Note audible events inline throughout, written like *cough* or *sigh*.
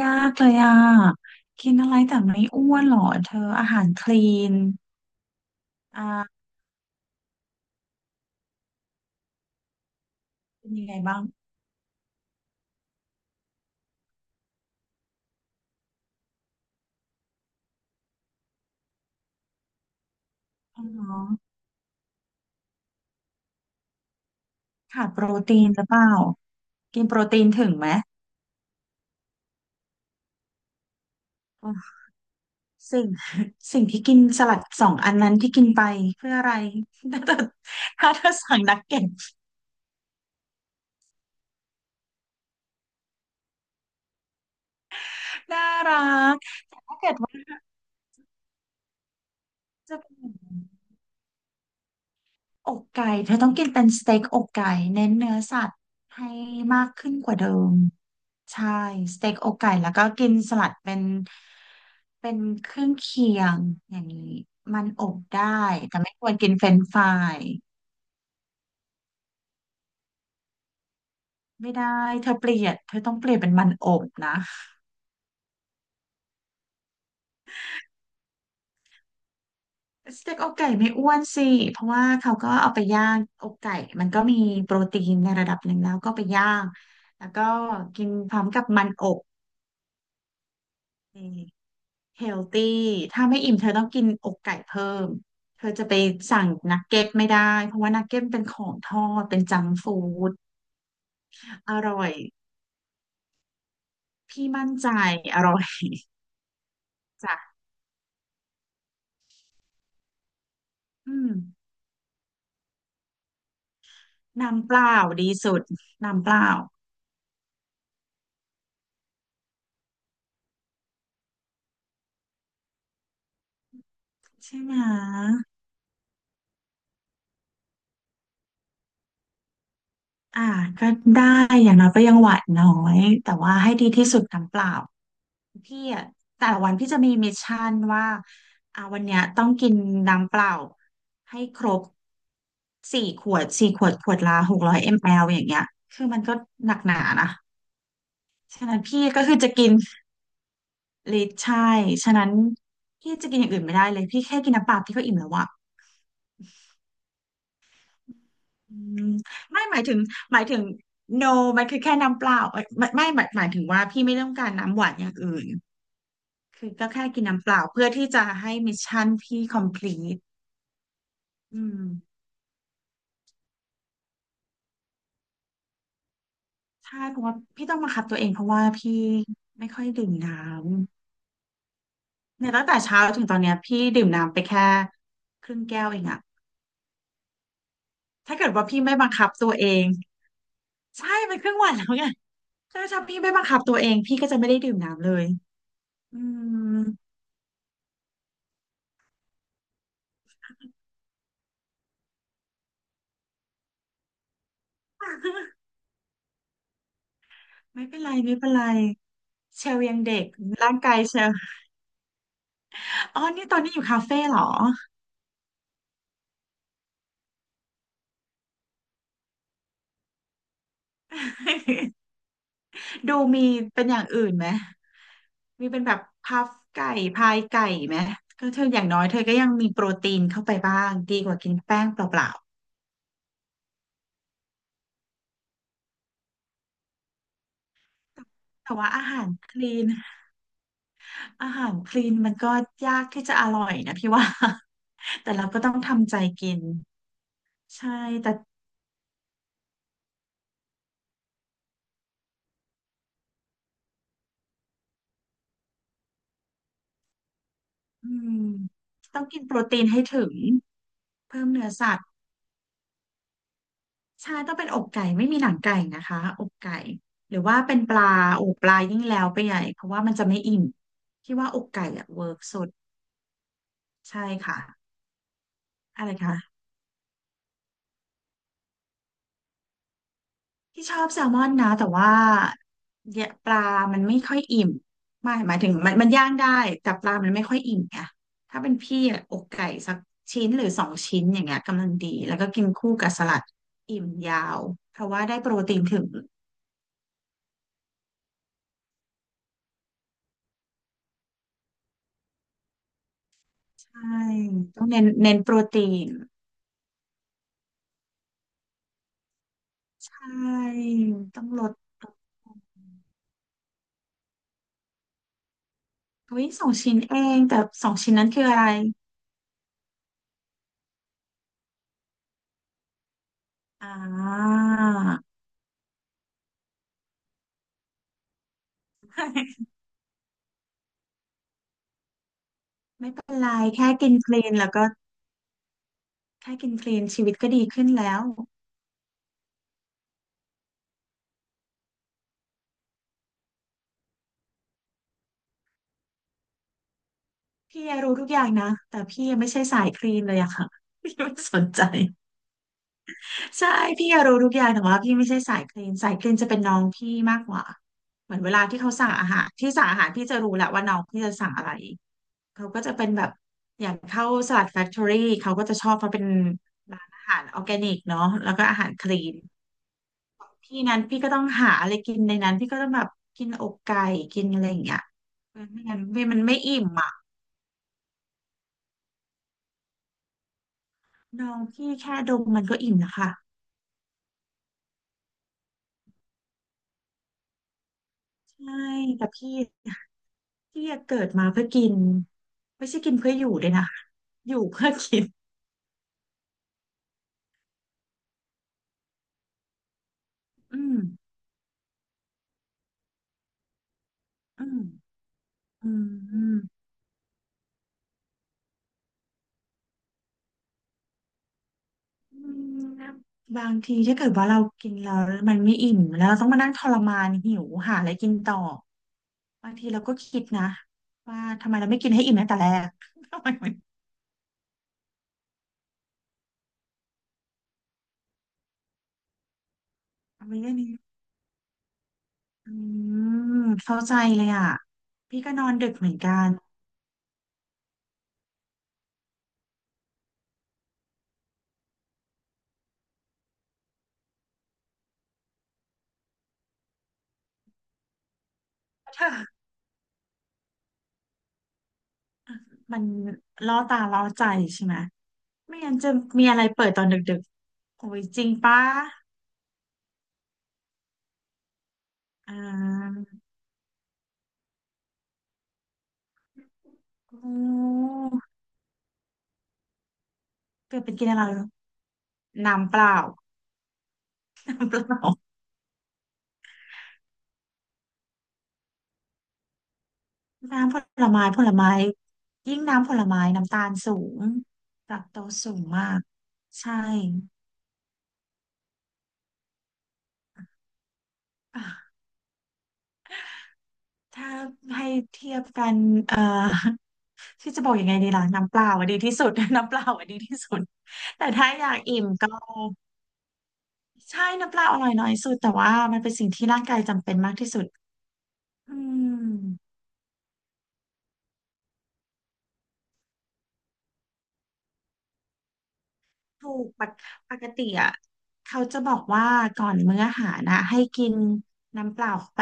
ยากเลยอ่ะ กินอะไรแต่ไม่อ้วนหรอเธออาหารคลีนอ่าเป็นยังไงบ้างอ๋อขาดโปรตีนหรือเปล่า กินโปรตีนถึงไหมอ๋อสิ่งสิ่งที่กินสลัดสองอันนั้นที่กินไปเพื่ออะไร *laughs* ถ้าเธอสั่งนักเก็ตน่ารักถ้าเกิดว่าจะเป็นอย่างนั้น อกไก่เธอต้องกินเป็นสเต็กอกไก่เน้นเนื้อสัตว์ให้มากขึ้นกว่าเดิมใช่สเต็กอกไก่แล้วก็กินสลัดเป็นเครื่องเคียงอย่างนี้มันอบได้แต่ไม่ควรกินเฟรนช์ฟรายไม่ได้เธอเปลี่ยนเธอต้องเปลี่ยนเป็นมันอบนะสเต็กอกไก่ไม่อ้วนสิเพราะว่าเขาก็เอาไปย่างอกไก่มันก็มีโปรตีนในระดับหนึ่งแล้วก็ไปย่างแล้วก็กินพร้อมกับมันอบนี่ เฮลตี้ถ้าไม่อิ่มเธอต้องกินอกไก่เพิ่มเธอจะไปสั่งนักเก็ตไม่ได้เพราะว่านักเก็ตเป็นของทอดเป็นจังฟู้ดอร่อยพี่มั่นใจอร่อยจ้ะอืมน้ำเปล่าดีสุดน้ำเปล่าใช่ไหมอ่าก็ได้อย่างน้อยก็ยังหวานน้อย แต่ว่าให้ดีที่สุดน้ำเปล่าพี่อะแต่ละวันพี่จะมีมิชชั่นว่าอ่าวันเนี้ยต้องกินน้ำเปล่าให้ครบ สี่ขวดสี่ขวดขวดละ600 มล.อย่างเงี้ยคือมันก็หนักหนานะฉะนั้นพี่ก็คือจะกินลิตรใช่ฉะนั้นพี่จะกินอย่างอื่นไม่ได้เลยพี่แค่กินน้ำเปล่าพี่ก็อิ่มแล้วอะอืมไม่หมายถึงหมายถึง no มันคือแค่น้ำเปล่าเอ้ยไม่หมายหมายถึงว่าพี่ไม่ต้องการน้ำหวานอย่างอื่นคือก็แค่กินน้ำเปล่าเพื่อที่จะให้มิชชั่นพี่ complete อืมใช่เพราะว่าพี่ต้องบังคับตัวเองเพราะว่าพี่ไม่ค่อยดื่มน้ เนี่ยตั้งแต่เช้าถึงตอนเนี้ยพี่ดื่มน้ำไปแค่ครึ่งแก้วเองอะถ้าเกิดว่าพี่ไม่บังคับตัวเองใช่มันครึ่งวันแล้วไงถ้าพี่ไม่บังคับตัวเองพี่ก็จะไม่ได้ดื่มน้ำเลยอืมไม่เป็นไรไม่เป็นไรเชลยังเด็กร่างกายเชลอ๋อนี่ตอนนี้อยู่คาเฟ่เหรอ *laughs* ดูมีเป็นอย่างอื่นไหมมีเป็นแบบพัฟไก่พายไก่ไหมก็เธออย่างน้อยเธอก็ยังมีโปรตีนเข้าไปบ้างดีกว่ากินแป้งเปล่าๆแต่ว่าอาหารคลีน อาหารคลีนมันก็ยากที่จะอร่อยนะพี่ว่า *laughs* แต่เราก็ต้องทำใจกินใช่แต่อืมต้องกินโปรตีนให้ถึงเพิ่มเนื้อสัตว์ใช่ต้องเป็นอกไก่ไม่มีหนังไก่นะคะอกไก่หรือว่าเป็นปลาโอ้ปลายิ่งแล้วไปใหญ่เพราะว่ามันจะไม่อิ่มพี่ว่าอกไก่อะเวิร์กสุดใช่ค่ะอะไรคะ ที่ชอบแซลมอนนะแต่ว่าเนี่ยปลามันไม่ค่อยอิ่มไม่หมายถึงมันย่างได้แต่ปลามันไม่ค่อยอิ่มไงถ้าเป็นพี่อะอกไก่สักชิ้นหรือสองชิ้นอย่างเงี้ยกำลังดีแล้วก็กินคู่กับสลัดอิ่มยาวเพราะว่าได้โปรตีนถึงใช่ต้องเน้นโปรตีนใช่ต้องลดเฮ้ยสองชิ้นเองแต่สองชิ้นนั้นคืออะไรอ่า *laughs* ไม่เป็นไรแค่กินคลีนแล้วก็ แค่กินคลีนชีวิตก็ดีขึ้นแล้ว พี่รู้ทุกอย่างนะ แต่พี่ยังไม่ใช่สายคลีนเลยอะค่ะพี่ไม่สนใจใช่พี่รู้ทุกอย่างแต่ว่าพี่ไม่ใช่สายคลีนจะเป็นน้องพี่มากกว่าเหมือนเวลาที่เขาสั่งอาหารที่สั่งอาหารพี่จะรู้แหละว่าน้องพี่จะสั่งอะไรเขาก็จะเป็นแบบอย่างเข้าสลัดแฟคทอรี่เขาก็จะชอบเพราะเป็นร้านอาหารออร์แกนิกเนาะแล้วก็อาหารคลีนพี่นั้นพี่ก็ต้องหาอะไรกินในนั้นพี่ก็ต้องแบบกินอกไก่กินอะไรอย่างเงี้ยไม่งั้นไม่มันไม่อิ่มอ่ะ น้องพี่แค่ดมมันก็อิ่มนะคะใช่แต่พี่เกิดมาเพื่อกินไม่ใช่กินเพื่ออยู่ด้วยนะคะอยู่เพื่อกินอืมอืมอืมอืมอืมบางทีถ้าเกิดว่าเรากินแล้วมันไม่อิ่มแล้วเราต้องมานั่งทรมานหิวหาอะไรกินต่อบางทีเราก็คิดนะว่าทำไมเราไม่กินให้อิ่มตั้งแต่แรก *laughs* ทำไมมันทำไมเรื่องนี้อืมเข้าใจเลยอ่ะพี่ก็นอนดึกเหมือนกัน *laughs* เธอ มันล่อตาล่อใจใช่ไหมไม่งั้นจะมีอะไรเปิดตอนดึกๆโอ้ยจริงปะอ่าโอ้เกิดเป็นกินอะไรเหรอน้ำเปล่าน้ำเปล่าน้ำผลไม้ผลไม้ยิ่งน้ำผลไม้น้ำตาลสูงแลคโตสสูงมากใช่อ่ะถ้าให้เทียบกันเอ่อที่จะบอกยังไงดีล่ะน้ำเปล่าอะดีที่สุด *laughs* น้ำเปล่าอะดีที่สุดแต่ถ้าอยากอิ่มก็ ใช่น้ำเปล่าอร่อยน้อยสุดแต่ว่ามันเป็นสิ่งที่ร่างกายจำเป็นมากที่สุดอืมถูกปกติอ่ะเขาจะบอกว่าก่อนมื้ออาหารนะให้กินน้ำเปล่าไป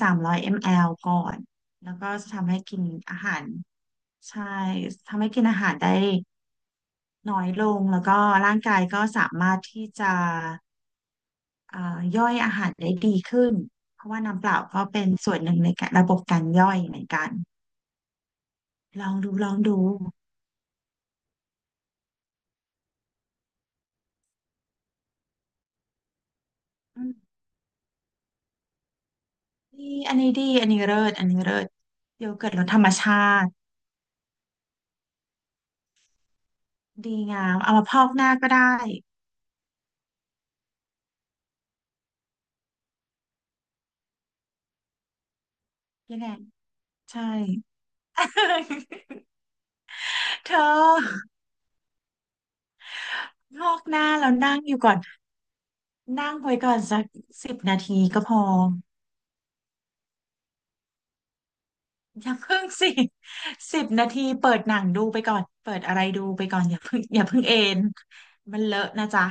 300 มิลลิลิตรก่อนแล้วก็ทำให้กินอาหารใช่ทำให้กินอาหารได้น้อยลงแล้วก็ร่างกายก็สามารถที่จะเอ่าย่อยอาหารได้ดีขึ้นเพราะว่าน้ำเปล่าก็เป็นส่วนหนึ่งในการระบบการย่อยเหมือนกันลองดูลองดู ดีอันนี้ดีอันนี้เลิศอันนี้เลิศโยเกิร์ตรสธรรมชาติดีงามเอามาพอกหน้าก็ได้ยังไงใช่ *laughs* เธอพอกหน้าแล้วนั่งอยู่ก่อนนั่งไว้ก่อนสักสิบนาทีก็พออย่าเพิ่งสิสิบนาทีเปิดหนังดูไปก่อนเปิดอะไรดูไปก่อนอย่าเพิ่งอย่าเพิ่งเอนมันเลอะนะจ๊ะ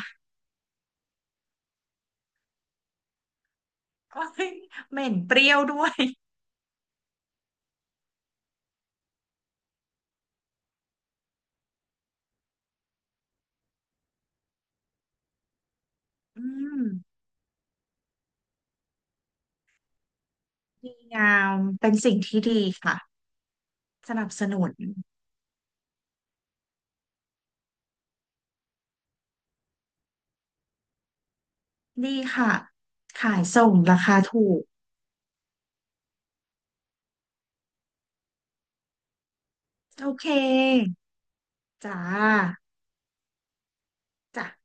โอ๊ยเหม็นเปรี้ยวด้วยอืมดีงามเป็นสิ่งที่ดีค่ะสนับสนุน ดีค่ะ ขายส่งราคาถูก โอเค จ้า จ้ะ